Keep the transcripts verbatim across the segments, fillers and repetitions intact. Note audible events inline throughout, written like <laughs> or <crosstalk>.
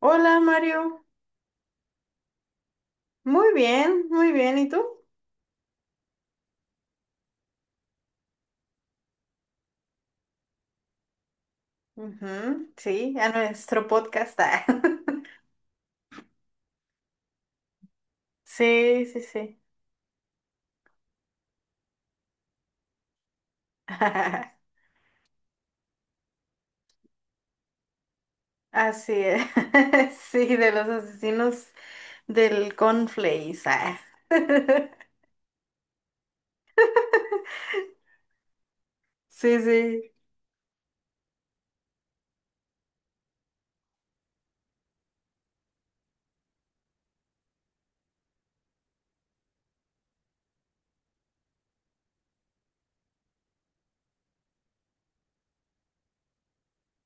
Hola Mario, muy bien, muy bien, ¿y tú? Ujú, sí, a nuestro podcast. ah. <laughs> Sí, sí, sí. <laughs> Así es. <laughs> Sí, de los asesinos del Conflace. ah. <laughs> Sí, sí.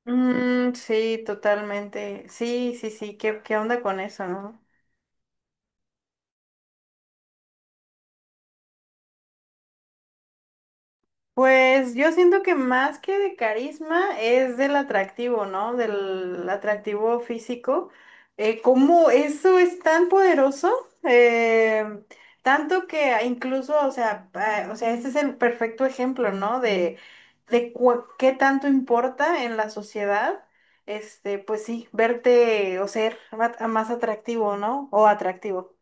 Mm, sí, totalmente. Sí, sí, sí, ¿qué, qué onda con eso, no? Pues yo siento que más que de carisma es del atractivo, ¿no? Del atractivo físico. Eh, cómo eso es tan poderoso, eh, tanto que incluso, o sea, pa- o sea, este es el perfecto ejemplo, ¿no? De, de cua- qué tanto importa en la sociedad, este, pues sí, verte o ser ma- más atractivo, ¿no? O atractivo.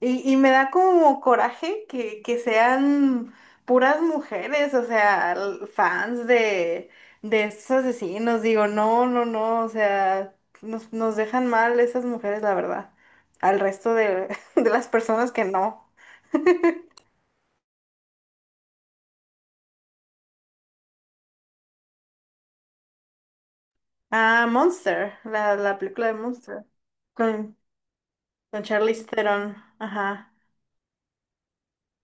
Y, y me da como coraje que, que sean puras mujeres, o sea, l- fans de, de estos asesinos. Digo, no, no, no, o sea, nos, nos dejan mal esas mujeres, la verdad, al resto de, <laughs> de las personas que no. Ah, Monster, la, la película de Monster, con, con Charlize Theron, ajá.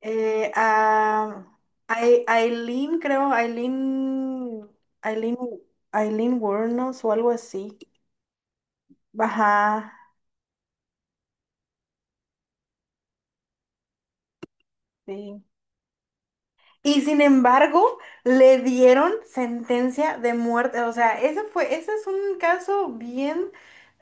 Eh, ah, Ai- Aileen, creo, Aileen, Aileen, Aileen Wuornos o algo así. Ajá, sí. Y sin embargo, le dieron sentencia de muerte. O sea, ese fue, ese es un caso bien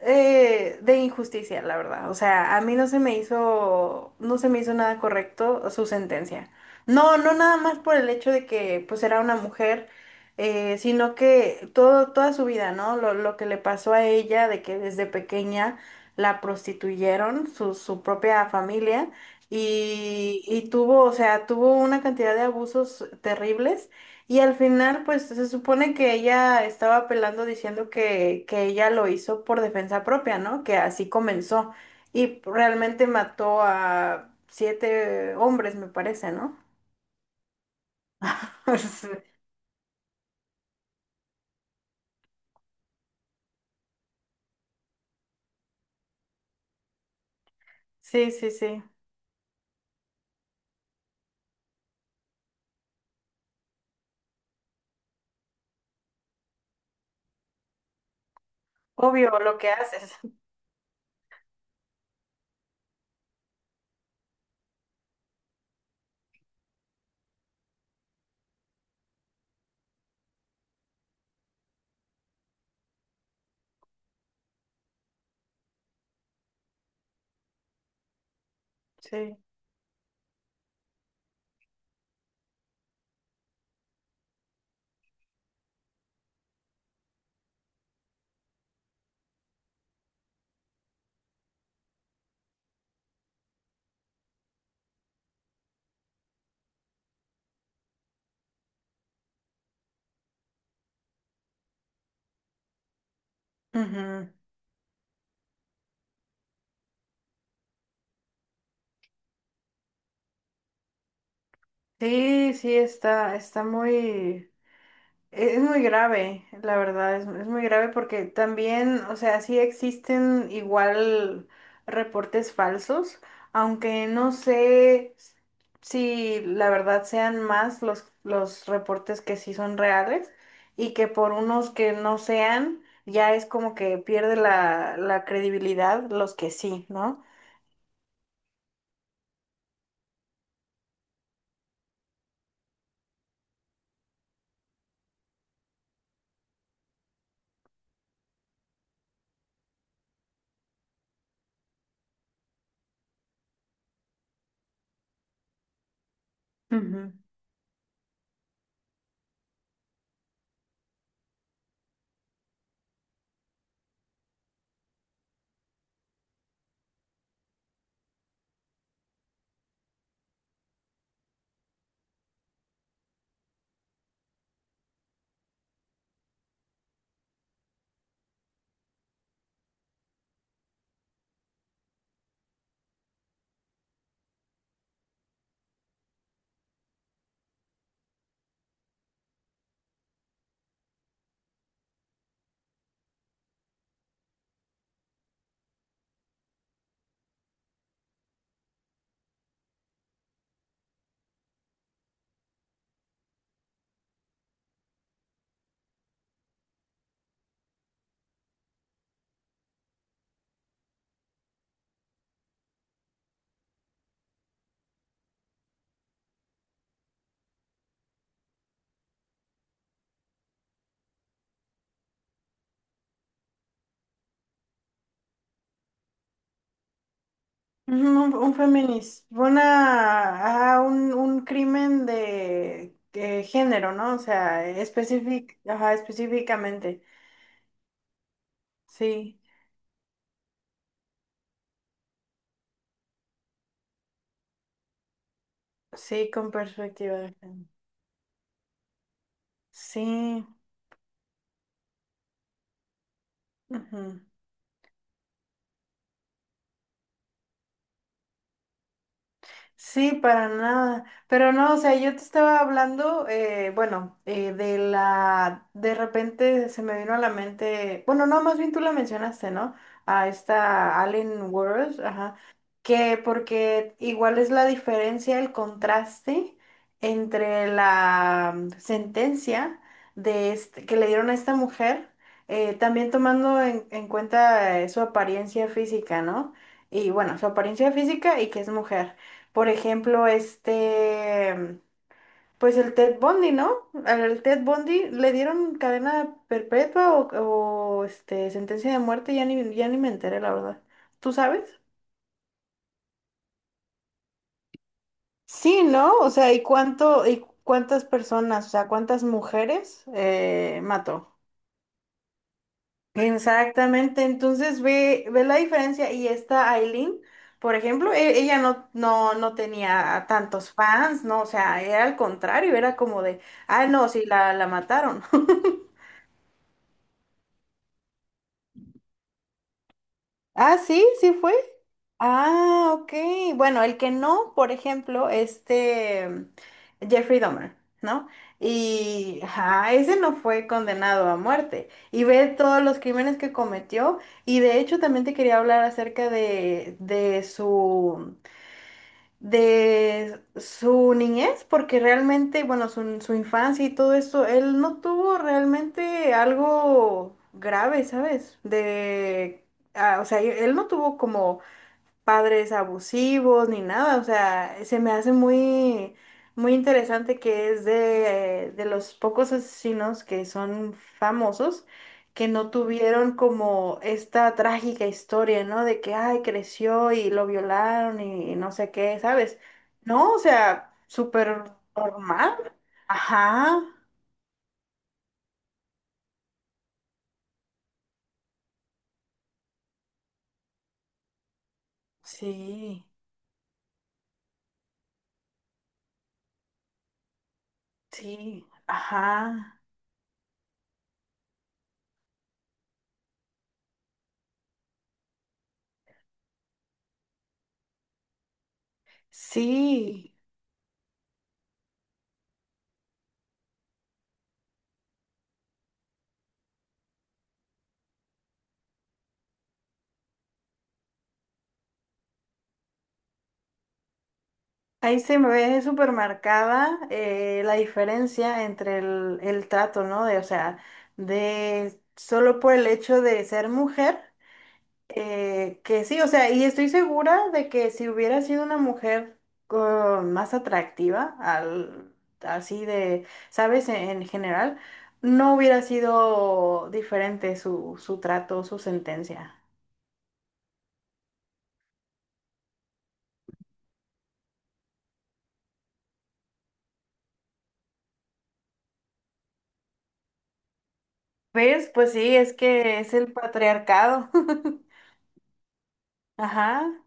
eh, de injusticia, la verdad. O sea, a mí no se me hizo, no se me hizo nada correcto su sentencia. No, no nada más por el hecho de que pues era una mujer, eh, sino que todo, toda su vida, ¿no? Lo, lo que le pasó a ella, de que desde pequeña la prostituyeron, su, su propia familia. Y, y tuvo, o sea, tuvo una cantidad de abusos terribles y al final, pues se supone que ella estaba apelando diciendo que, que ella lo hizo por defensa propia, ¿no? Que así comenzó y realmente mató a siete hombres, me parece, ¿no? <laughs> Sí, sí, sí. Obvio lo que haces. Sí. Ujú. Sí, sí, está, está muy... e-, Es muy grave, la verdad, es, es muy grave porque también, o sea, sí existen igual reportes falsos, aunque no sé si la verdad sean más los, los reportes que sí son reales y que por unos que no sean, ya es como que pierde la, la credibilidad los que sí, ¿no? Un, un feminis, una, ajá, un, un crimen de, de género, ¿no? O sea, especific, ajá, específicamente. Sí, sí, con perspectiva de género. Sí. Ujú. Sí, para nada. Pero no, o sea, yo te estaba hablando, eh, bueno, eh, de la, de repente se me vino a la mente, bueno, no, más bien tú la mencionaste, ¿no? A esta Allen World, ajá, que porque igual es la diferencia, el contraste entre la mm, sentencia de este, que le dieron a esta mujer, eh, también tomando en, en cuenta eh, su apariencia física, ¿no? Y bueno, su apariencia física y que es mujer. Por ejemplo, este, pues el Ted Bundy, ¿no? Al Ted Bundy le dieron cadena perpetua o, o, este, sentencia de muerte, ya ni, ya ni me enteré, la verdad. ¿Tú sabes? Sí, ¿no? O sea, ¿y cuánto, y cuántas personas, o sea, cuántas mujeres eh, mató? Exactamente, entonces ve, ve la diferencia y esta Aileen, por ejemplo, e- ella no, no, no tenía tantos fans, ¿no? O sea, era al contrario, era como de, ah, no, sí, la, la mataron. <laughs> Ah, sí, sí fue. Ah, ok. Bueno, el que no, por ejemplo, este mm, Jeffrey Dahmer, ¿no? Y ajá, ese no fue condenado a muerte. Y ve todos los crímenes que cometió. Y de hecho también te quería hablar acerca de, de su de su niñez, porque realmente, bueno, su, su infancia y todo eso, él no tuvo realmente algo grave, ¿sabes? De, ah, o sea, él no tuvo como padres abusivos ni nada, o sea, se me hace muy, muy interesante que es de, eh, de los pocos asesinos que son famosos, que no tuvieron como esta trágica historia, ¿no? De que, ay, creció y lo violaron y no sé qué, ¿sabes? No, o sea, súper normal. Ajá, sí, sí, ajá, sí. Ahí se me ve súper marcada eh, la diferencia entre el, el trato, ¿no? De, o sea, de solo por el hecho de ser mujer, eh, que sí, o sea, y estoy segura de que si hubiera sido una mujer co- más atractiva, al, así de, ¿sabes? En, en general, no hubiera sido diferente su, su trato, su sentencia. ¿Ves? Pues sí, es que es el patriarcado. <laughs> Ajá.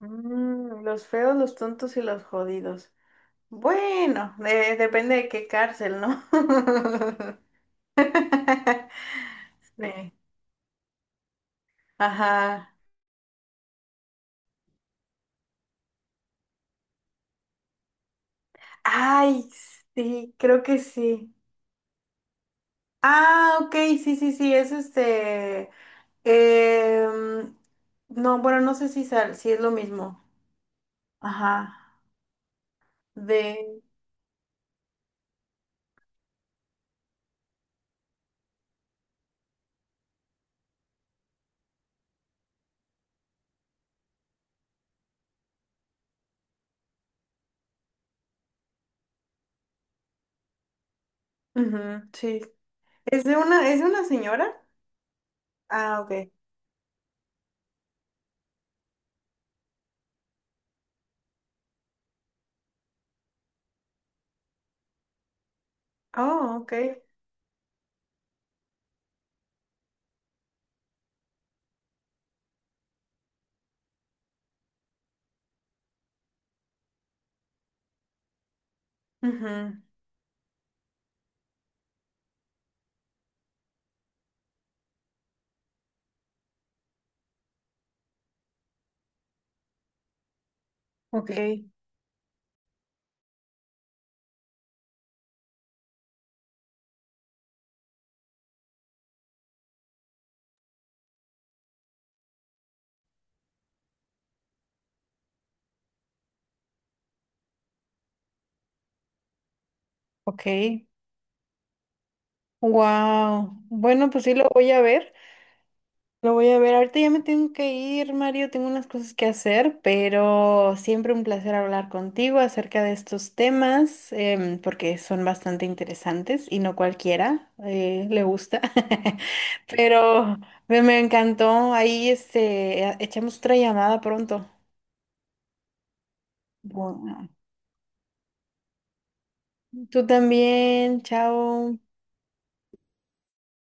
Mm, los feos, los tontos y los jodidos. Bueno, de- depende de qué cárcel, ¿no? <laughs> Sí. Ajá. Ay, sí, creo que sí. Ah, ok, sí, sí, sí, es este. em, no, bueno, no sé si, sal- si es lo mismo. Ajá. De. Ujú, sí. ¿Es de una, es de una señora? Ah, ok. Oh, ok. Ujú, ok. Ok, ok. Wow. Bueno, pues sí lo voy a ver. Lo voy a ver. Ahorita ya me tengo que ir, Mario. Tengo unas cosas que hacer, pero siempre un placer hablar contigo acerca de estos temas, em, porque son bastante interesantes y no cualquiera eh, le gusta. <laughs> Pero me, me encantó. Ahí este, echamos otra llamada pronto. Bueno. Tú también. Chao.